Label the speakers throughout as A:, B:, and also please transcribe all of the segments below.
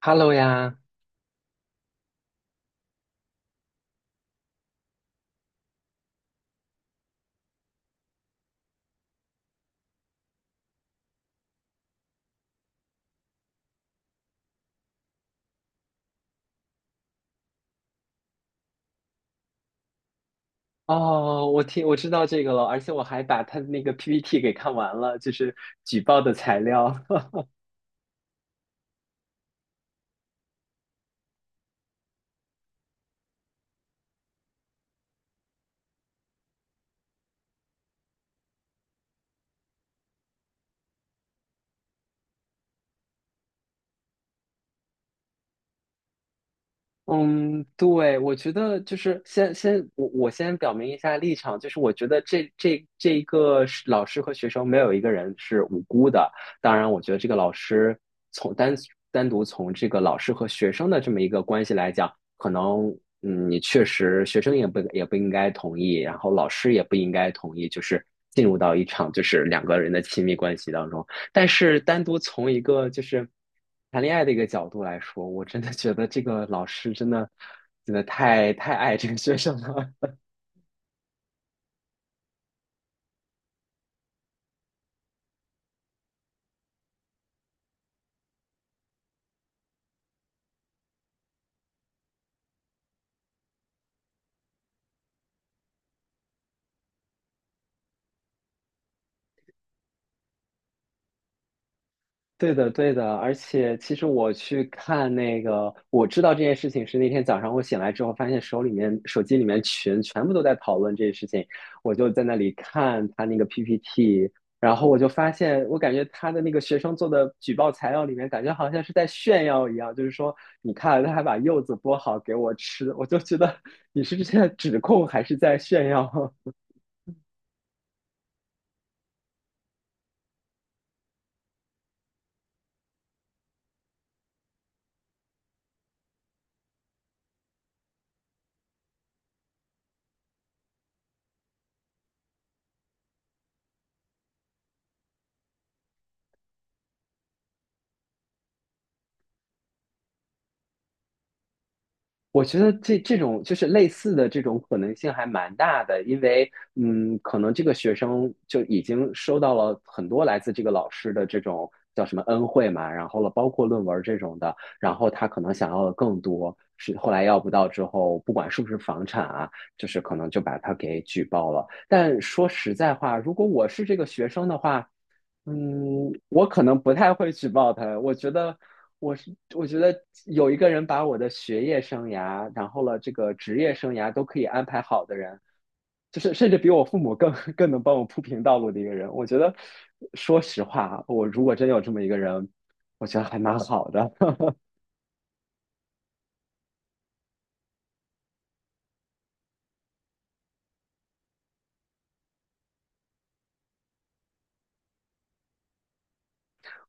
A: Hello 呀。哦，我知道这个了，而且我还把他的那个 PPT 给看完了，就是举报的材料。嗯，对，我觉得就是先我先表明一下立场，就是我觉得这一个是老师和学生没有一个人是无辜的。当然，我觉得这个老师从单单独从这个老师和学生的这么一个关系来讲，可能你确实学生也不应该同意，然后老师也不应该同意，就是进入到一场就是两个人的亲密关系当中。但是单独从一个就是谈恋爱的一个角度来说，我真的觉得这个老师真的太爱这个学生了。对的，对的，而且其实我去看那个，我知道这件事情是那天早上我醒来之后，发现手机里面群全部都在讨论这件事情，我就在那里看他那个 PPT,然后我就发现，我感觉他的那个学生做的举报材料里面，感觉好像是在炫耀一样，就是说你看他还把柚子剥好给我吃，我就觉得 你是在指控还是在炫耀？我觉得这这种就是类似的这种可能性还蛮大的，因为可能这个学生就已经收到了很多来自这个老师的这种叫什么恩惠嘛，然后了包括论文这种的，然后他可能想要的更多，是后来要不到之后，不管是不是房产啊，就是可能就把他给举报了。但说实在话，如果我是这个学生的话，嗯，我可能不太会举报他。我觉得，我觉得有一个人把我的学业生涯，然后了这个职业生涯都可以安排好的人，就是甚至比我父母更 更能帮我铺平道路的一个人。我觉得，说实话啊，我如果真有这么一个人，我觉得还蛮好的。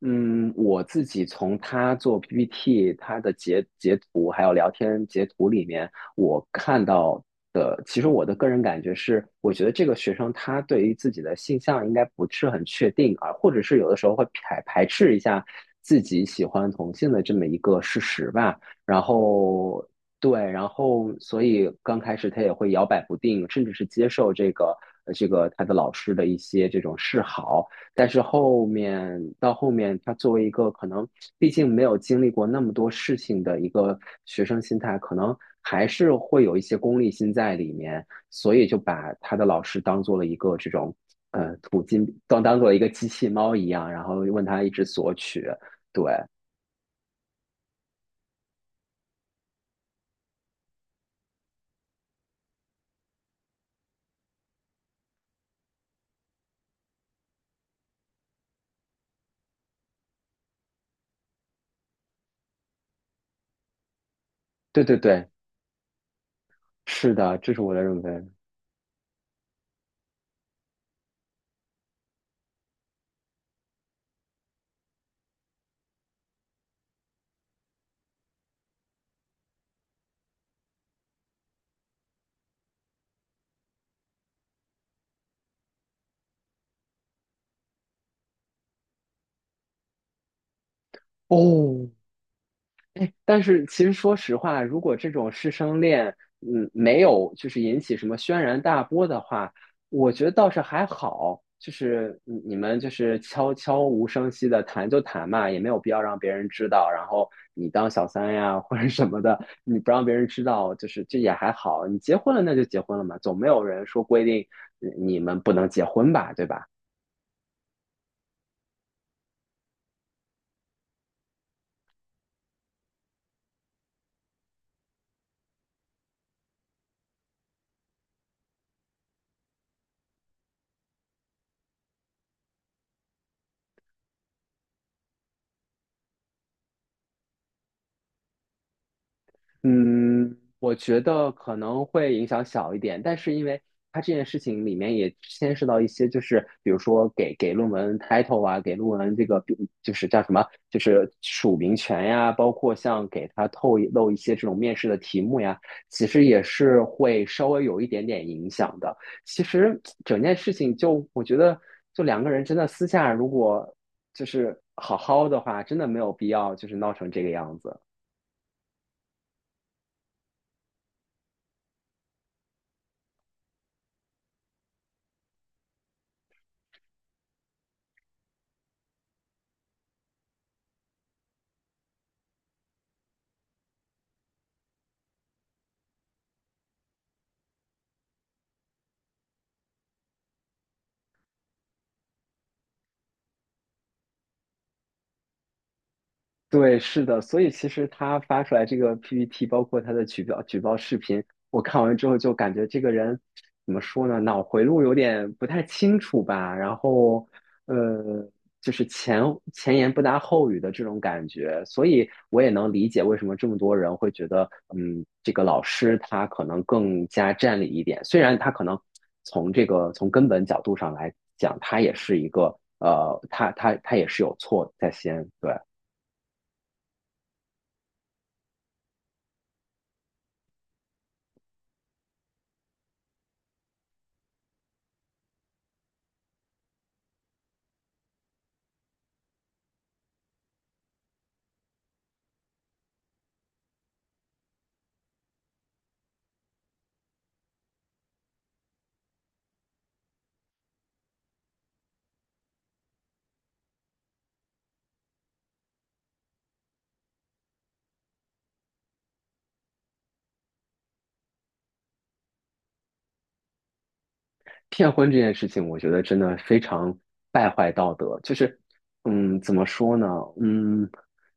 A: 嗯，我自己从他做 PPT,他的截图，还有聊天截图里面，我看到的，其实我的个人感觉是，我觉得这个学生他对于自己的性向应该不是很确定啊，或者是有的时候会排斥一下自己喜欢同性的这么一个事实吧。然后，对，然后所以刚开始他也会摇摆不定，甚至是接受这个这个他的老师的一些这种示好。但是后面，他作为一个可能毕竟没有经历过那么多事情的一个学生心态，可能还是会有一些功利心在里面，所以就把他的老师当做了一个这种土金当做了一个机器猫一样，然后问他一直索取。对，对对对，是的，这是我的认为。哦，哎，但是其实说实话，如果这种师生恋，嗯，没有就是引起什么轩然大波的话，我觉得倒是还好。就是你们就是悄悄无声息的谈就谈嘛，也没有必要让别人知道。然后你当小三呀或者什么的，你不让别人知道，就是这也还好。你结婚了那就结婚了嘛，总没有人说规定你们不能结婚吧，对吧？嗯，我觉得可能会影响小一点，但是因为它这件事情里面也牵涉到一些，就是比如说给论文 title 啊，给论文这个比就是叫什么，就是署名权呀，包括像给它透露一些这种面试的题目呀，其实也是会稍微有一点点影响的。其实整件事情就我觉得，就两个人真的私下如果就是好好的话，真的没有必要就是闹成这个样子。对，是的，所以其实他发出来这个 PPT,包括他的举报视频，我看完之后就感觉这个人怎么说呢，脑回路有点不太清楚吧，然后呃，就是前言不搭后语的这种感觉，所以我也能理解为什么这么多人会觉得，嗯，这个老师他可能更加占理一点，虽然他可能从这个从根本角度上来讲，他也是一个他也是有错在先，对。骗婚这件事情，我觉得真的非常败坏道德。就是，嗯，怎么说呢？嗯，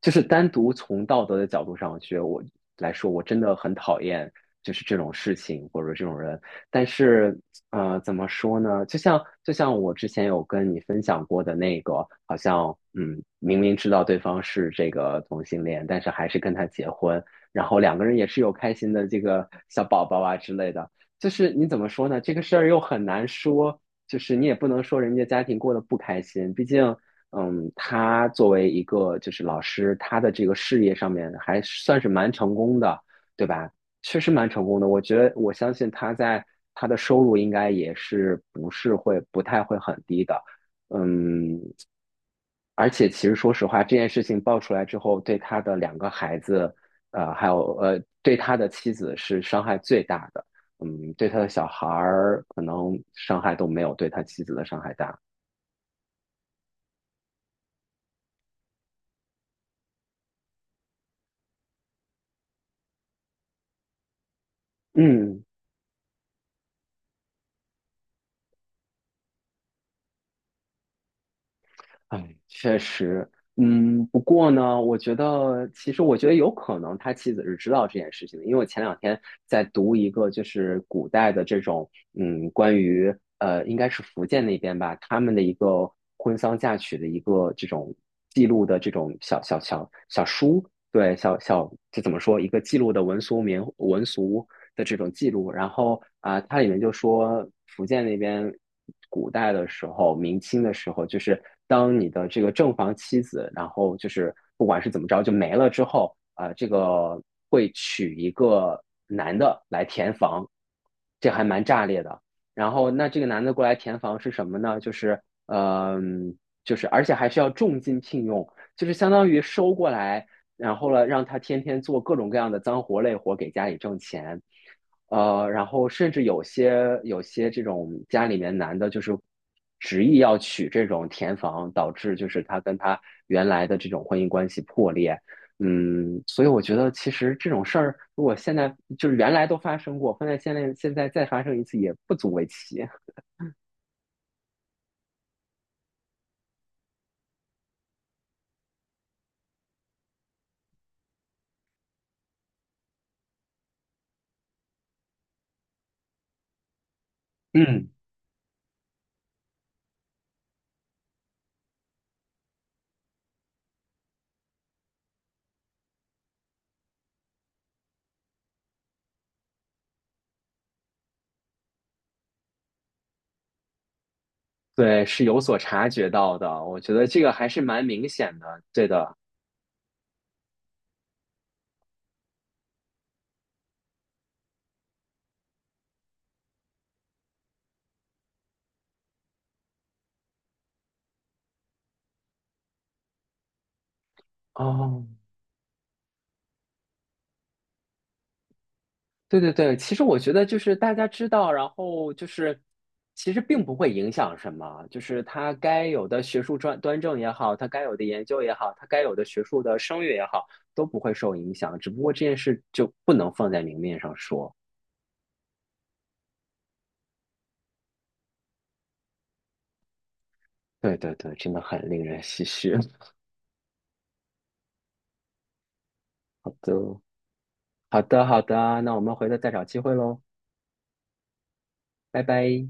A: 就是单独从道德的角度上来说，我真的很讨厌就是这种事情或者这种人。但是，呃，怎么说呢？就像我之前有跟你分享过的那个，好像嗯，明明知道对方是这个同性恋，但是还是跟他结婚，然后两个人也是有开心的这个小宝宝啊之类的。就是你怎么说呢？这个事儿又很难说，就是你也不能说人家家庭过得不开心，毕竟，嗯，他作为一个就是老师，他的这个事业上面还算是蛮成功的，对吧？确实蛮成功的，我觉得我相信他在他的收入应该不是不太会很低的，嗯，而且其实说实话，这件事情爆出来之后，对他的两个孩子，呃，还有呃，对他的妻子是伤害最大的。嗯，对他的小孩儿可能伤害都没有对他妻子的伤害大。嗯，哎，确实，嗯，不过呢，我觉得我觉得有可能他妻子是知道这件事情的，因为我前两天在读一个就是古代的这种，嗯，关于呃，应该是福建那边吧，他们的一个婚丧嫁娶的一个这种记录的这种小小小小书，对，这怎么说一个记录的文俗，的这种记录。然后啊、呃它里面就说福建那边古代的时候，明清的时候，就是当你的这个正房妻子，然后就是不管是怎么着就没了之后，啊，呃这个会娶一个男的来填房，这还蛮炸裂的。然后那这个男的过来填房是什么呢？就是嗯、呃就是而且还是要重金聘用，就是相当于收过来然后呢，让他天天做各种各样的脏活累活给家里挣钱，呃，然后甚至有些这种家里面男的，就是执意要娶这种田房，导致就是他跟他原来的这种婚姻关系破裂。嗯，所以我觉得其实这种事儿，如果现在就是原来都发生过，放在现在再发生一次也不足为奇。嗯，对，是有所察觉到的，我觉得这个还是蛮明显的。对的，哦。对对对，其实我觉得就是大家知道，然后就是其实并不会影响什么，就是它该有的学术专端正也好，它该有的研究也好，它该有的学术的声誉也好，都不会受影响。只不过这件事就不能放在明面上说。对对对，真的很令人唏嘘。好的，好的，好的，那我们回头再找机会喽，拜拜。